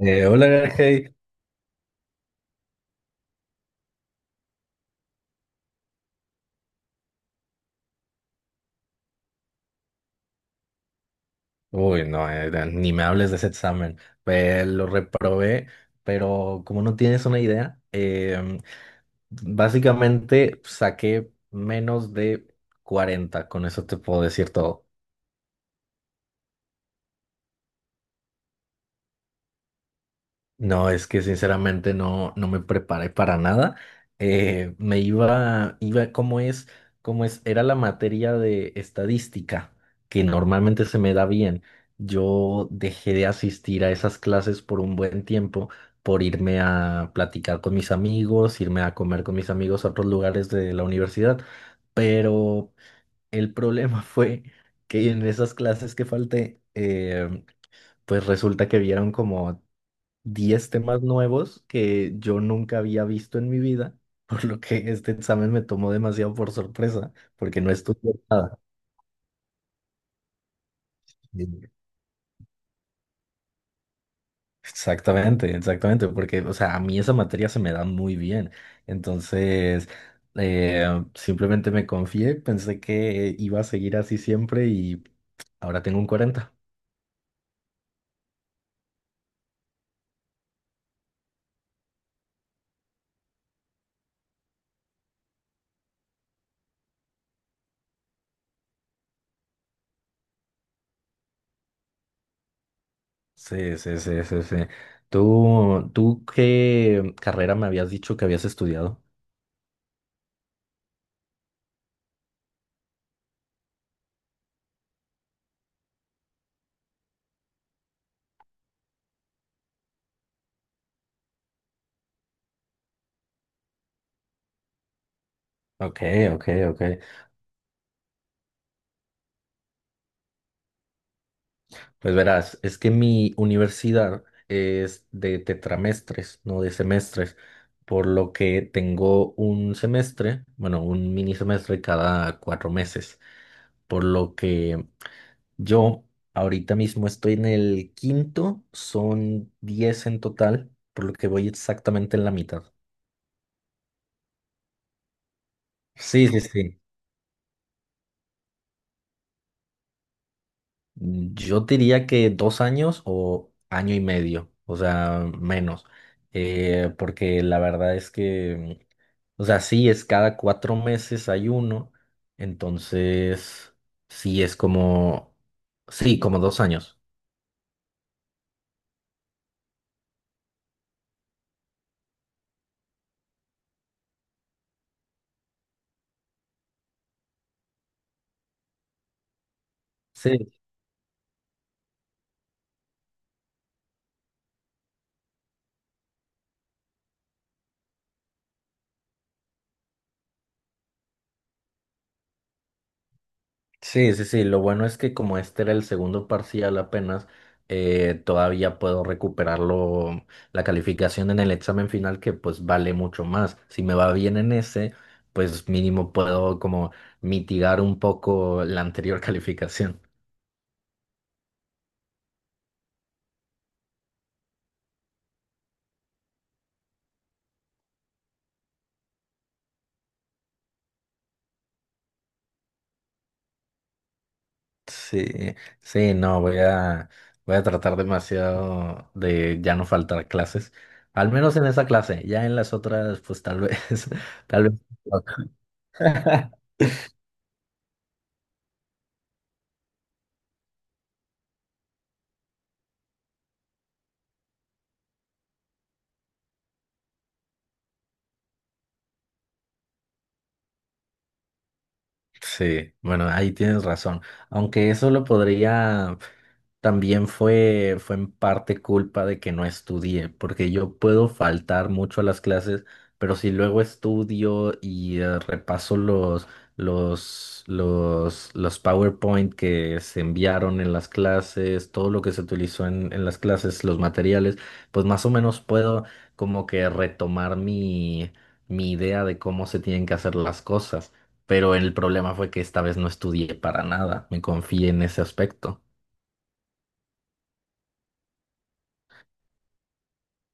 Hola, hey. Uy, no, ni me hables de ese examen. Pues lo reprobé, pero como no tienes una idea, básicamente saqué menos de 40. Con eso te puedo decir todo. No, es que sinceramente no, no me preparé para nada. Me iba, ¿cómo es? ¿Cómo es? Era la materia de estadística, que normalmente se me da bien. Yo dejé de asistir a esas clases por un buen tiempo por irme a platicar con mis amigos, irme a comer con mis amigos a otros lugares de la universidad. Pero el problema fue que en esas clases que falté, pues resulta que vieron como 10 temas nuevos que yo nunca había visto en mi vida, por lo que este examen me tomó demasiado por sorpresa, porque no estudié nada. Exactamente, exactamente, porque, o sea, a mí esa materia se me da muy bien. Entonces, eh, simplemente me confié, pensé que iba a seguir así siempre y ahora tengo un 40. Sí, sí, sí, sí, sí. ¿Tú qué carrera me habías dicho que habías estudiado? Ok, ok, ok. Pues verás, es que mi universidad es de tetramestres, no de semestres, por lo que tengo un semestre, bueno, un mini semestre cada 4 meses, por lo que yo ahorita mismo estoy en el quinto, son 10 en total, por lo que voy exactamente en la mitad. Sí, sí, sí. Yo diría que 2 años o año y medio, o sea, menos. Porque la verdad es que, o sea, sí es cada 4 meses hay uno, entonces sí es como, sí, como 2 años. Sí, sí, sí, sí. Lo bueno es que como este era el segundo parcial apenas, todavía puedo recuperarlo, la calificación en el examen final que pues vale mucho más. Si me va bien en ese, pues mínimo puedo como mitigar un poco la anterior calificación. Sí, sí, no, voy a tratar demasiado de ya no faltar clases. Al menos en esa clase, ya en las otras, pues tal vez, tal vez. No. Sí, bueno, ahí tienes razón. Aunque eso lo podría, también fue, fue en parte culpa de que no estudié, porque yo puedo faltar mucho a las clases, pero si luego estudio y repaso los PowerPoint que se enviaron en las clases, todo lo que se utilizó en las clases, los materiales, pues más o menos puedo como que retomar mi idea de cómo se tienen que hacer las cosas. Pero el problema fue que esta vez no estudié para nada, me confié en ese aspecto.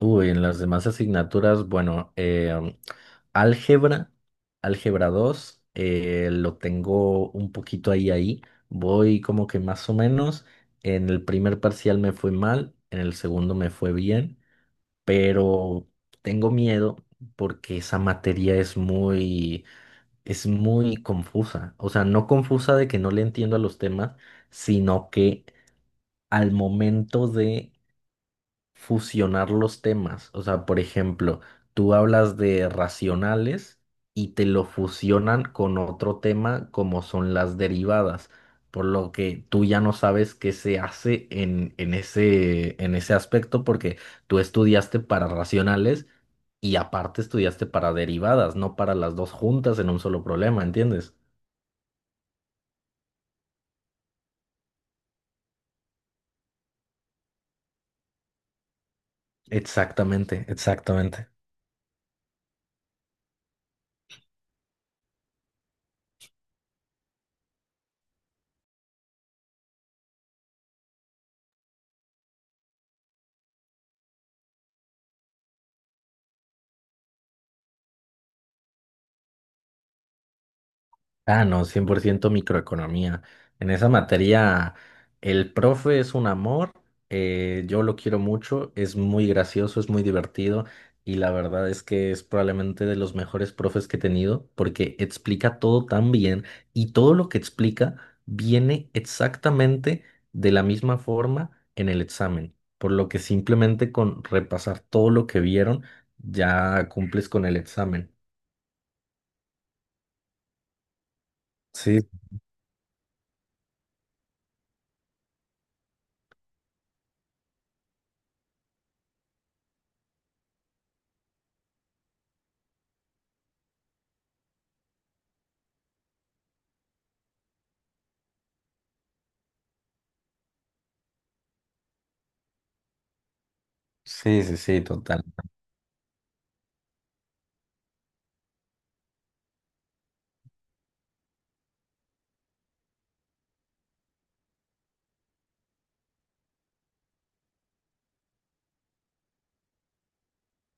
Uy, en las demás asignaturas, bueno, álgebra, álgebra 2 lo tengo un poquito ahí ahí, voy como que más o menos, en el primer parcial me fue mal, en el segundo me fue bien, pero tengo miedo porque esa materia es muy confusa, o sea, no confusa de que no le entiendo a los temas, sino que al momento de fusionar los temas. O sea, por ejemplo, tú hablas de racionales y te lo fusionan con otro tema como son las derivadas, por lo que tú ya no sabes qué se hace en ese aspecto porque tú estudiaste para racionales y aparte estudiaste para derivadas, no para las dos juntas en un solo problema, ¿entiendes? Exactamente, exactamente. Ah, no, 100% microeconomía. En esa materia, el profe es un amor, yo lo quiero mucho, es muy gracioso, es muy divertido y la verdad es que es probablemente de los mejores profes que he tenido porque explica todo tan bien y todo lo que explica viene exactamente de la misma forma en el examen, por lo que simplemente con repasar todo lo que vieron ya cumples con el examen. Sí, sí, sí, sí, totalmente.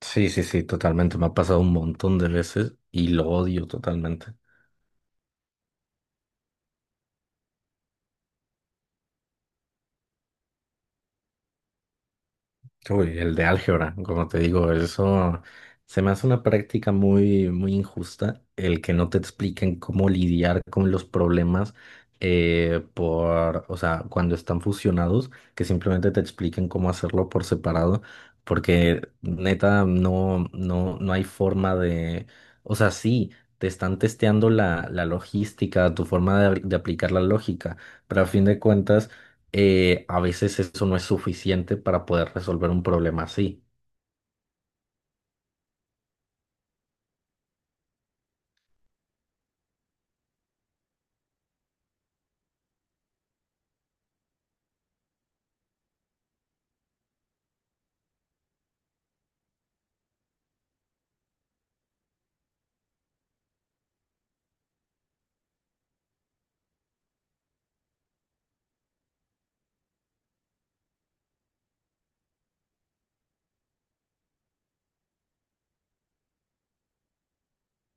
Sí, sí, sí, totalmente. Me ha pasado un montón de veces y lo odio totalmente. Uy, el de álgebra, como te digo, eso se me hace una práctica muy, muy injusta, el que no te expliquen cómo lidiar con los problemas o sea, cuando están fusionados, que simplemente te expliquen cómo hacerlo por separado, porque neta no, no, no hay forma de, o sea, sí, te están testeando la logística, tu forma de aplicar la lógica, pero a fin de cuentas a veces eso no es suficiente para poder resolver un problema así.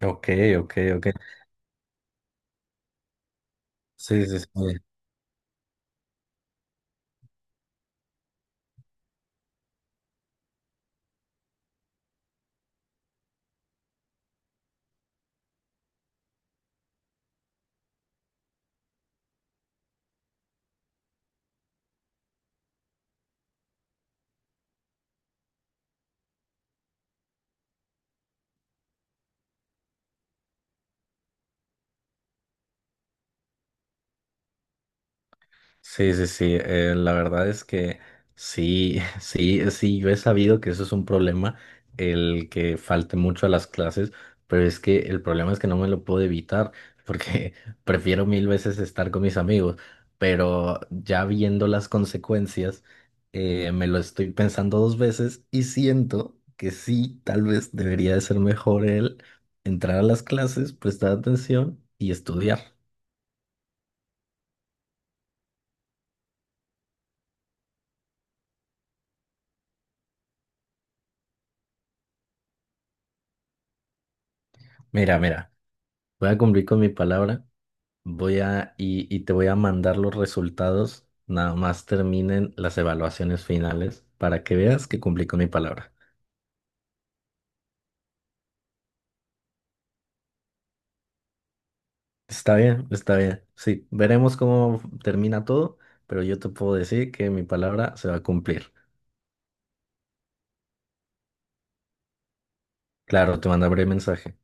Ok, ok, ok. Sí, sí, sí. Sí, sí, sí. La verdad es que sí, sí, sí, yo he sabido que eso es un problema, el que falte mucho a las clases, pero es que el problema es que no me lo puedo evitar, porque prefiero mil veces estar con mis amigos, pero ya viendo las consecuencias, me lo estoy pensando dos veces y siento que sí, tal vez debería de ser mejor el entrar a las clases, prestar atención y estudiar. Mira, mira, voy a cumplir con mi palabra. Y te voy a mandar los resultados, nada más terminen las evaluaciones finales para que veas que cumplí con mi palabra. Está bien, está bien. Sí, veremos cómo termina todo, pero yo te puedo decir que mi palabra se va a cumplir. Claro, te mandaré mensaje.